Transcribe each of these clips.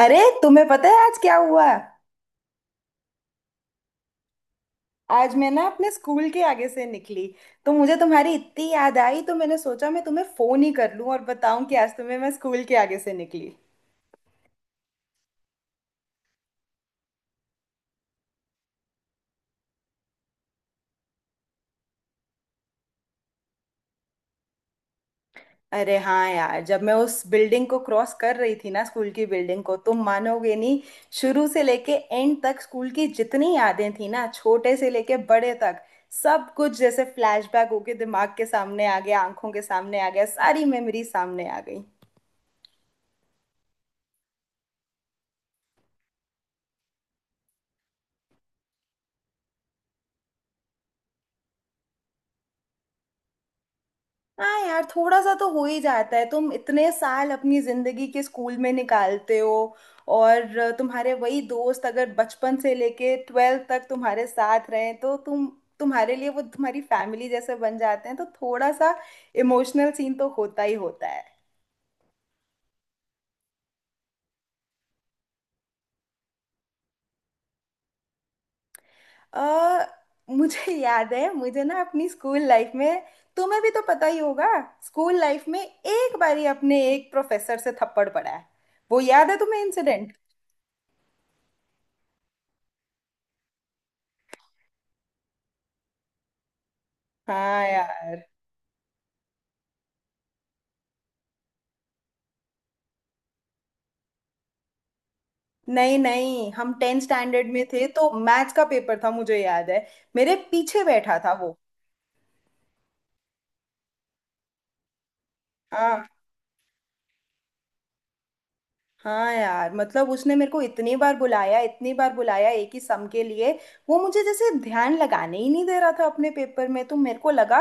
अरे तुम्हें पता है आज क्या हुआ। आज मैं ना अपने स्कूल के आगे से निकली तो मुझे तुम्हारी इतनी याद आई तो मैंने सोचा मैं तुम्हें फोन ही कर लूं और बताऊं कि आज तुम्हें मैं स्कूल के आगे से निकली। अरे हाँ यार, जब मैं उस बिल्डिंग को क्रॉस कर रही थी ना, स्कूल की बिल्डिंग को, तुम मानोगे नहीं। शुरू से लेके एंड तक स्कूल की जितनी यादें थी ना, छोटे से लेके बड़े तक, सब कुछ जैसे फ्लैशबैक होके दिमाग के सामने आ गया, आंखों के सामने आ गया, सारी मेमोरी सामने आ गई। हाँ यार, थोड़ा सा तो हो ही जाता है। तुम इतने साल अपनी जिंदगी के स्कूल में निकालते हो और तुम्हारे वही दोस्त अगर बचपन से लेके ट्वेल्थ तक तुम्हारे साथ रहे तो तुम्हारे लिए वो तुम्हारी फैमिली जैसे बन जाते हैं, तो थोड़ा सा इमोशनल सीन तो होता ही होता है। अ मुझे याद है, मुझे ना अपनी स्कूल लाइफ में, तुम्हें भी तो पता ही होगा, स्कूल लाइफ में एक बारी अपने एक प्रोफेसर से थप्पड़ पड़ा है। वो याद है तुम्हें इंसिडेंट? हाँ यार। नहीं नहीं, हम टेंथ स्टैंडर्ड में थे तो मैथ्स का पेपर था मुझे याद है। मेरे पीछे बैठा था वो। हाँ हाँ यार, मतलब उसने मेरे को इतनी बार बुलाया, इतनी बार बुलाया एक ही सम के लिए। वो मुझे जैसे ध्यान लगाने ही नहीं दे रहा था अपने पेपर में, तो मेरे को लगा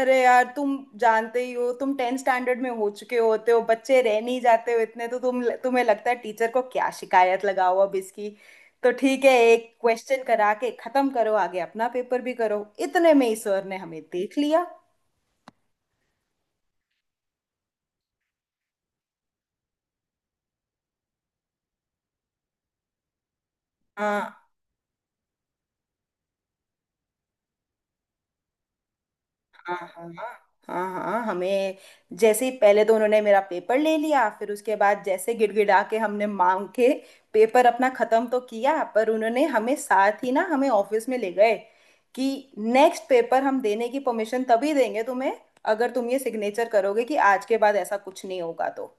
अरे यार, तुम जानते ही हो, तुम टेंथ स्टैंडर्ड में हो चुके होते हो, बच्चे रह नहीं जाते हो इतने, तो तुम, तुम्हें लगता है टीचर को क्या शिकायत लगाओ अब इसकी। तो ठीक है एक क्वेश्चन करा के खत्म करो, आगे अपना पेपर भी करो। इतने में ही सर ने हमें देख लिया। हाँ हाँ, हाँ हाँ, हमें जैसे ही, पहले तो उन्होंने मेरा पेपर ले लिया, फिर उसके बाद जैसे गिड़गिड़ा के हमने मांग के पेपर अपना खत्म तो किया, पर उन्होंने हमें साथ ही ना, हमें ऑफिस में ले गए कि नेक्स्ट पेपर हम देने की परमिशन तभी देंगे तुम्हें, अगर तुम ये सिग्नेचर करोगे कि आज के बाद ऐसा कुछ नहीं होगा तो।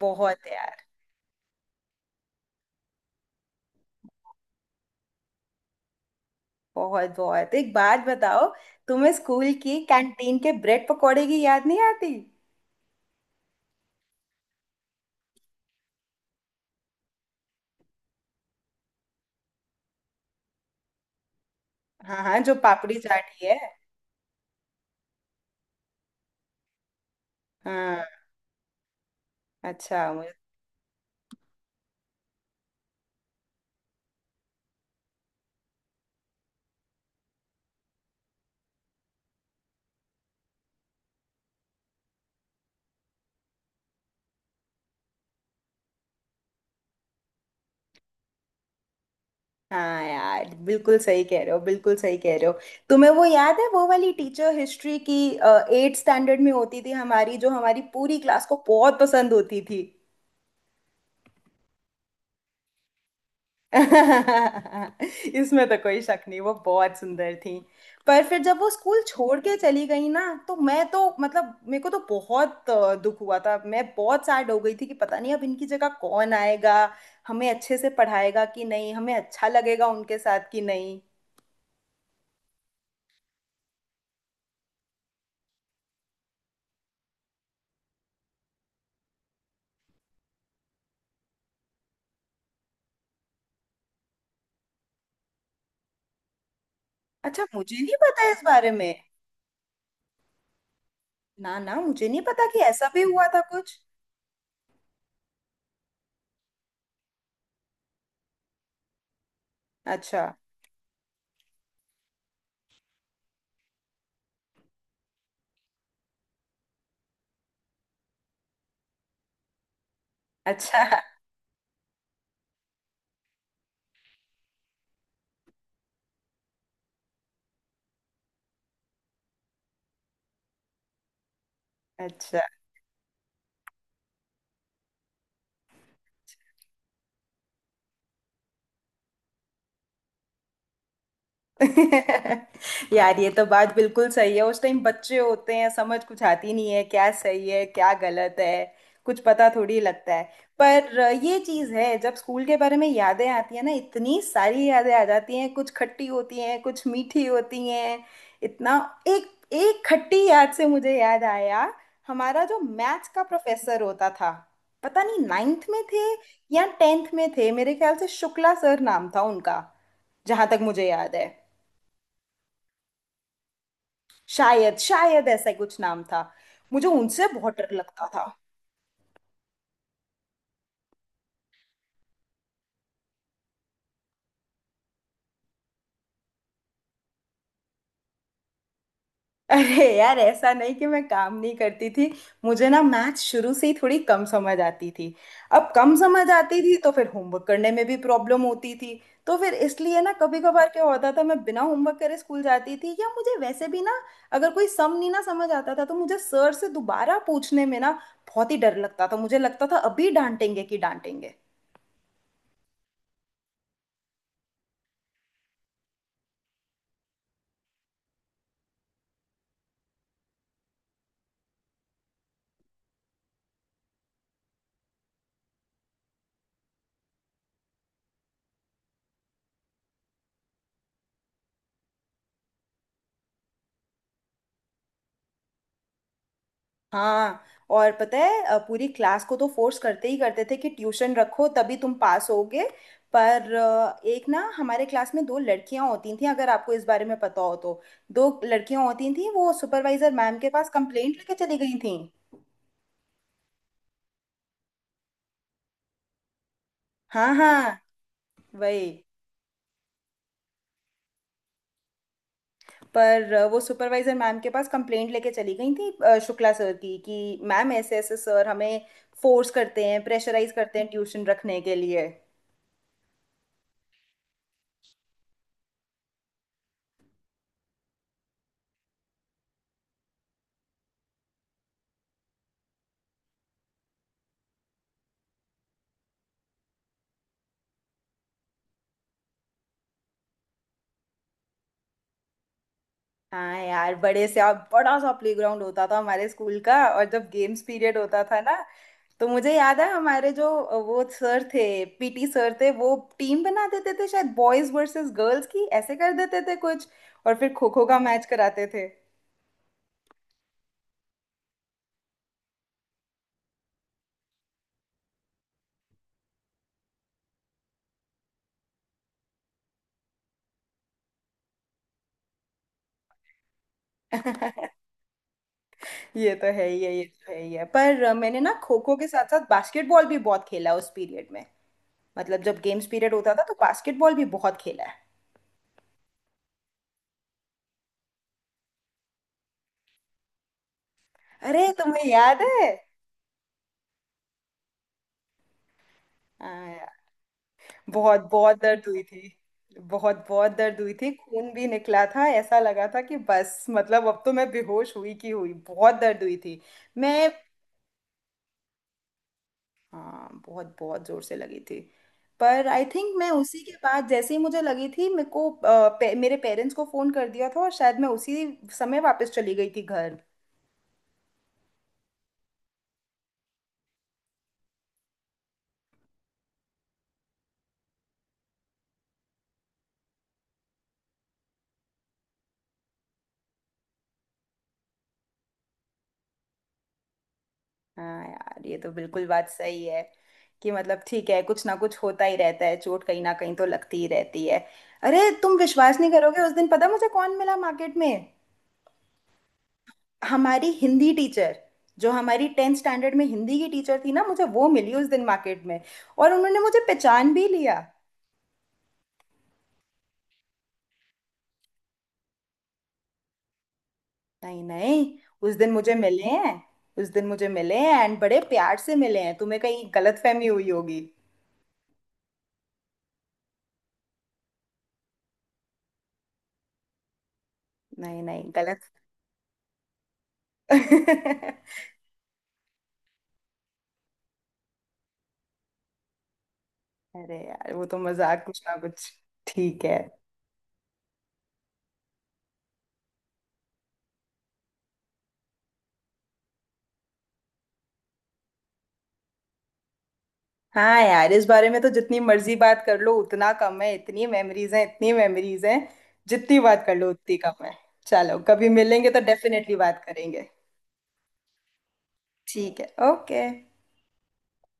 बहुत है यार। बहुत बहुत। एक बात बताओ, तुम्हें स्कूल की कैंटीन के ब्रेड पकौड़े की याद नहीं आती? हाँ हाँ, जो पापड़ी चाट ही है। हाँ, अच्छा मुझे। हाँ यार, बिल्कुल सही कह रहे हो, बिल्कुल सही कह रहे हो। तुम्हें वो याद है, वो वाली टीचर हिस्ट्री की, एट स्टैंडर्ड में होती थी हमारी, जो हमारी पूरी क्लास को बहुत पसंद होती थी। इसमें तो कोई शक नहीं, वो बहुत सुंदर थी। पर फिर जब वो स्कूल छोड़ के चली गई ना, तो मैं तो, मतलब मेरे को तो बहुत दुख हुआ था। मैं बहुत सैड हो गई थी कि पता नहीं अब इनकी जगह कौन आएगा, हमें अच्छे से पढ़ाएगा कि नहीं, हमें अच्छा लगेगा उनके साथ कि नहीं। अच्छा, मुझे नहीं पता इस बारे में। ना ना, मुझे नहीं पता कि ऐसा भी हुआ था कुछ। अच्छा। अच्छा अच्छा यार, ये तो बात बिल्कुल सही है। उस टाइम बच्चे होते हैं, समझ कुछ आती नहीं है, क्या सही है क्या गलत है कुछ पता थोड़ी लगता है। पर ये चीज है, जब स्कूल के बारे में यादें आती है ना, इतनी सारी यादें आ जाती हैं, कुछ खट्टी होती हैं, कुछ मीठी होती हैं। इतना, एक एक खट्टी याद से मुझे याद आया, हमारा जो मैथ्स का प्रोफेसर होता था, पता नहीं नाइन्थ में थे या टेंथ में थे, मेरे ख्याल से शुक्ला सर नाम था उनका, जहां तक मुझे याद है। शायद, शायद ऐसा ही कुछ नाम था। मुझे उनसे बहुत डर लगता था। अरे यार, ऐसा नहीं कि मैं काम नहीं करती थी। मुझे ना मैथ शुरू से ही थोड़ी कम समझ आती थी। अब कम समझ आती थी तो फिर होमवर्क करने में भी प्रॉब्लम होती थी। तो फिर इसलिए ना, कभी कभार क्या होता था, मैं बिना होमवर्क करे स्कूल जाती थी, या मुझे वैसे भी ना, अगर कोई सम नहीं ना समझ आता था, तो मुझे सर से दोबारा पूछने में ना बहुत ही डर लगता था। मुझे लगता था अभी डांटेंगे कि डांटेंगे। हाँ। और पता है पूरी क्लास को तो फोर्स करते ही करते थे कि ट्यूशन रखो तभी तुम पास होगे। पर एक ना, हमारे क्लास में दो लड़कियां होती थी, अगर आपको इस बारे में पता हो तो। दो लड़कियां होती थी, वो सुपरवाइजर मैम के पास कंप्लेंट लेके चली गई थी। हाँ हाँ, वही। पर वो सुपरवाइजर मैम के पास कंप्लेंट लेके चली गई थी, शुक्ला सर की, कि मैम ऐसे ऐसे सर हमें फोर्स करते हैं, प्रेशराइज करते हैं ट्यूशन रखने के लिए। हाँ यार, बड़े से और बड़ा सा प्लेग्राउंड होता था हमारे स्कूल का, और जब गेम्स पीरियड होता था ना, तो मुझे याद है हमारे जो वो सर थे, पीटी सर थे, वो टीम बना देते थे शायद बॉयज वर्सेस गर्ल्स की, ऐसे कर देते थे कुछ, और फिर खो खो का मैच कराते थे। ये तो है ही है, ये तो है ही है। पर मैंने ना खो खो के साथ साथ बास्केटबॉल भी बहुत खेला उस पीरियड में। मतलब जब गेम्स पीरियड होता था तो बास्केटबॉल भी बहुत खेला है। अरे तुम्हें याद है? हाँ, बहुत बहुत दर्द हुई थी। बहुत बहुत दर्द हुई थी, खून भी निकला था, ऐसा लगा था कि बस मतलब अब तो मैं बेहोश हुई की हुई, बहुत दर्द हुई थी। मैं, हाँ बहुत बहुत जोर से लगी थी। पर आई थिंक मैं उसी के बाद, जैसे ही मुझे लगी थी मेरे को, मेरे पेरेंट्स को फ़ोन कर दिया था, और शायद मैं उसी समय वापस चली गई थी घर। हाँ यार, ये तो बिल्कुल बात सही है, कि मतलब ठीक है, कुछ ना कुछ होता ही रहता है, चोट कहीं ना कहीं तो लगती ही रहती है। अरे तुम विश्वास नहीं करोगे, उस दिन पता मुझे कौन मिला मार्केट में। हमारी हिंदी टीचर, जो हमारी टेंथ स्टैंडर्ड में हिंदी की टीचर थी ना, मुझे वो मिली उस दिन मार्केट में, और उन्होंने मुझे पहचान भी लिया। नहीं नहीं, उस दिन मुझे मिले हैं। उस दिन मुझे मिले हैं, एंड बड़े प्यार से मिले हैं। तुम्हें कहीं गलतफहमी हुई होगी। नहीं नहीं, गलत। अरे यार, वो तो मजाक कुछ ना कुछ। ठीक है। हाँ यार, इस बारे में तो जितनी मर्जी बात कर लो उतना कम है, इतनी मेमोरीज हैं, इतनी मेमोरीज हैं, जितनी बात कर लो उतनी कम है। चलो, कभी मिलेंगे तो डेफिनेटली बात करेंगे। ठीक है, ओके।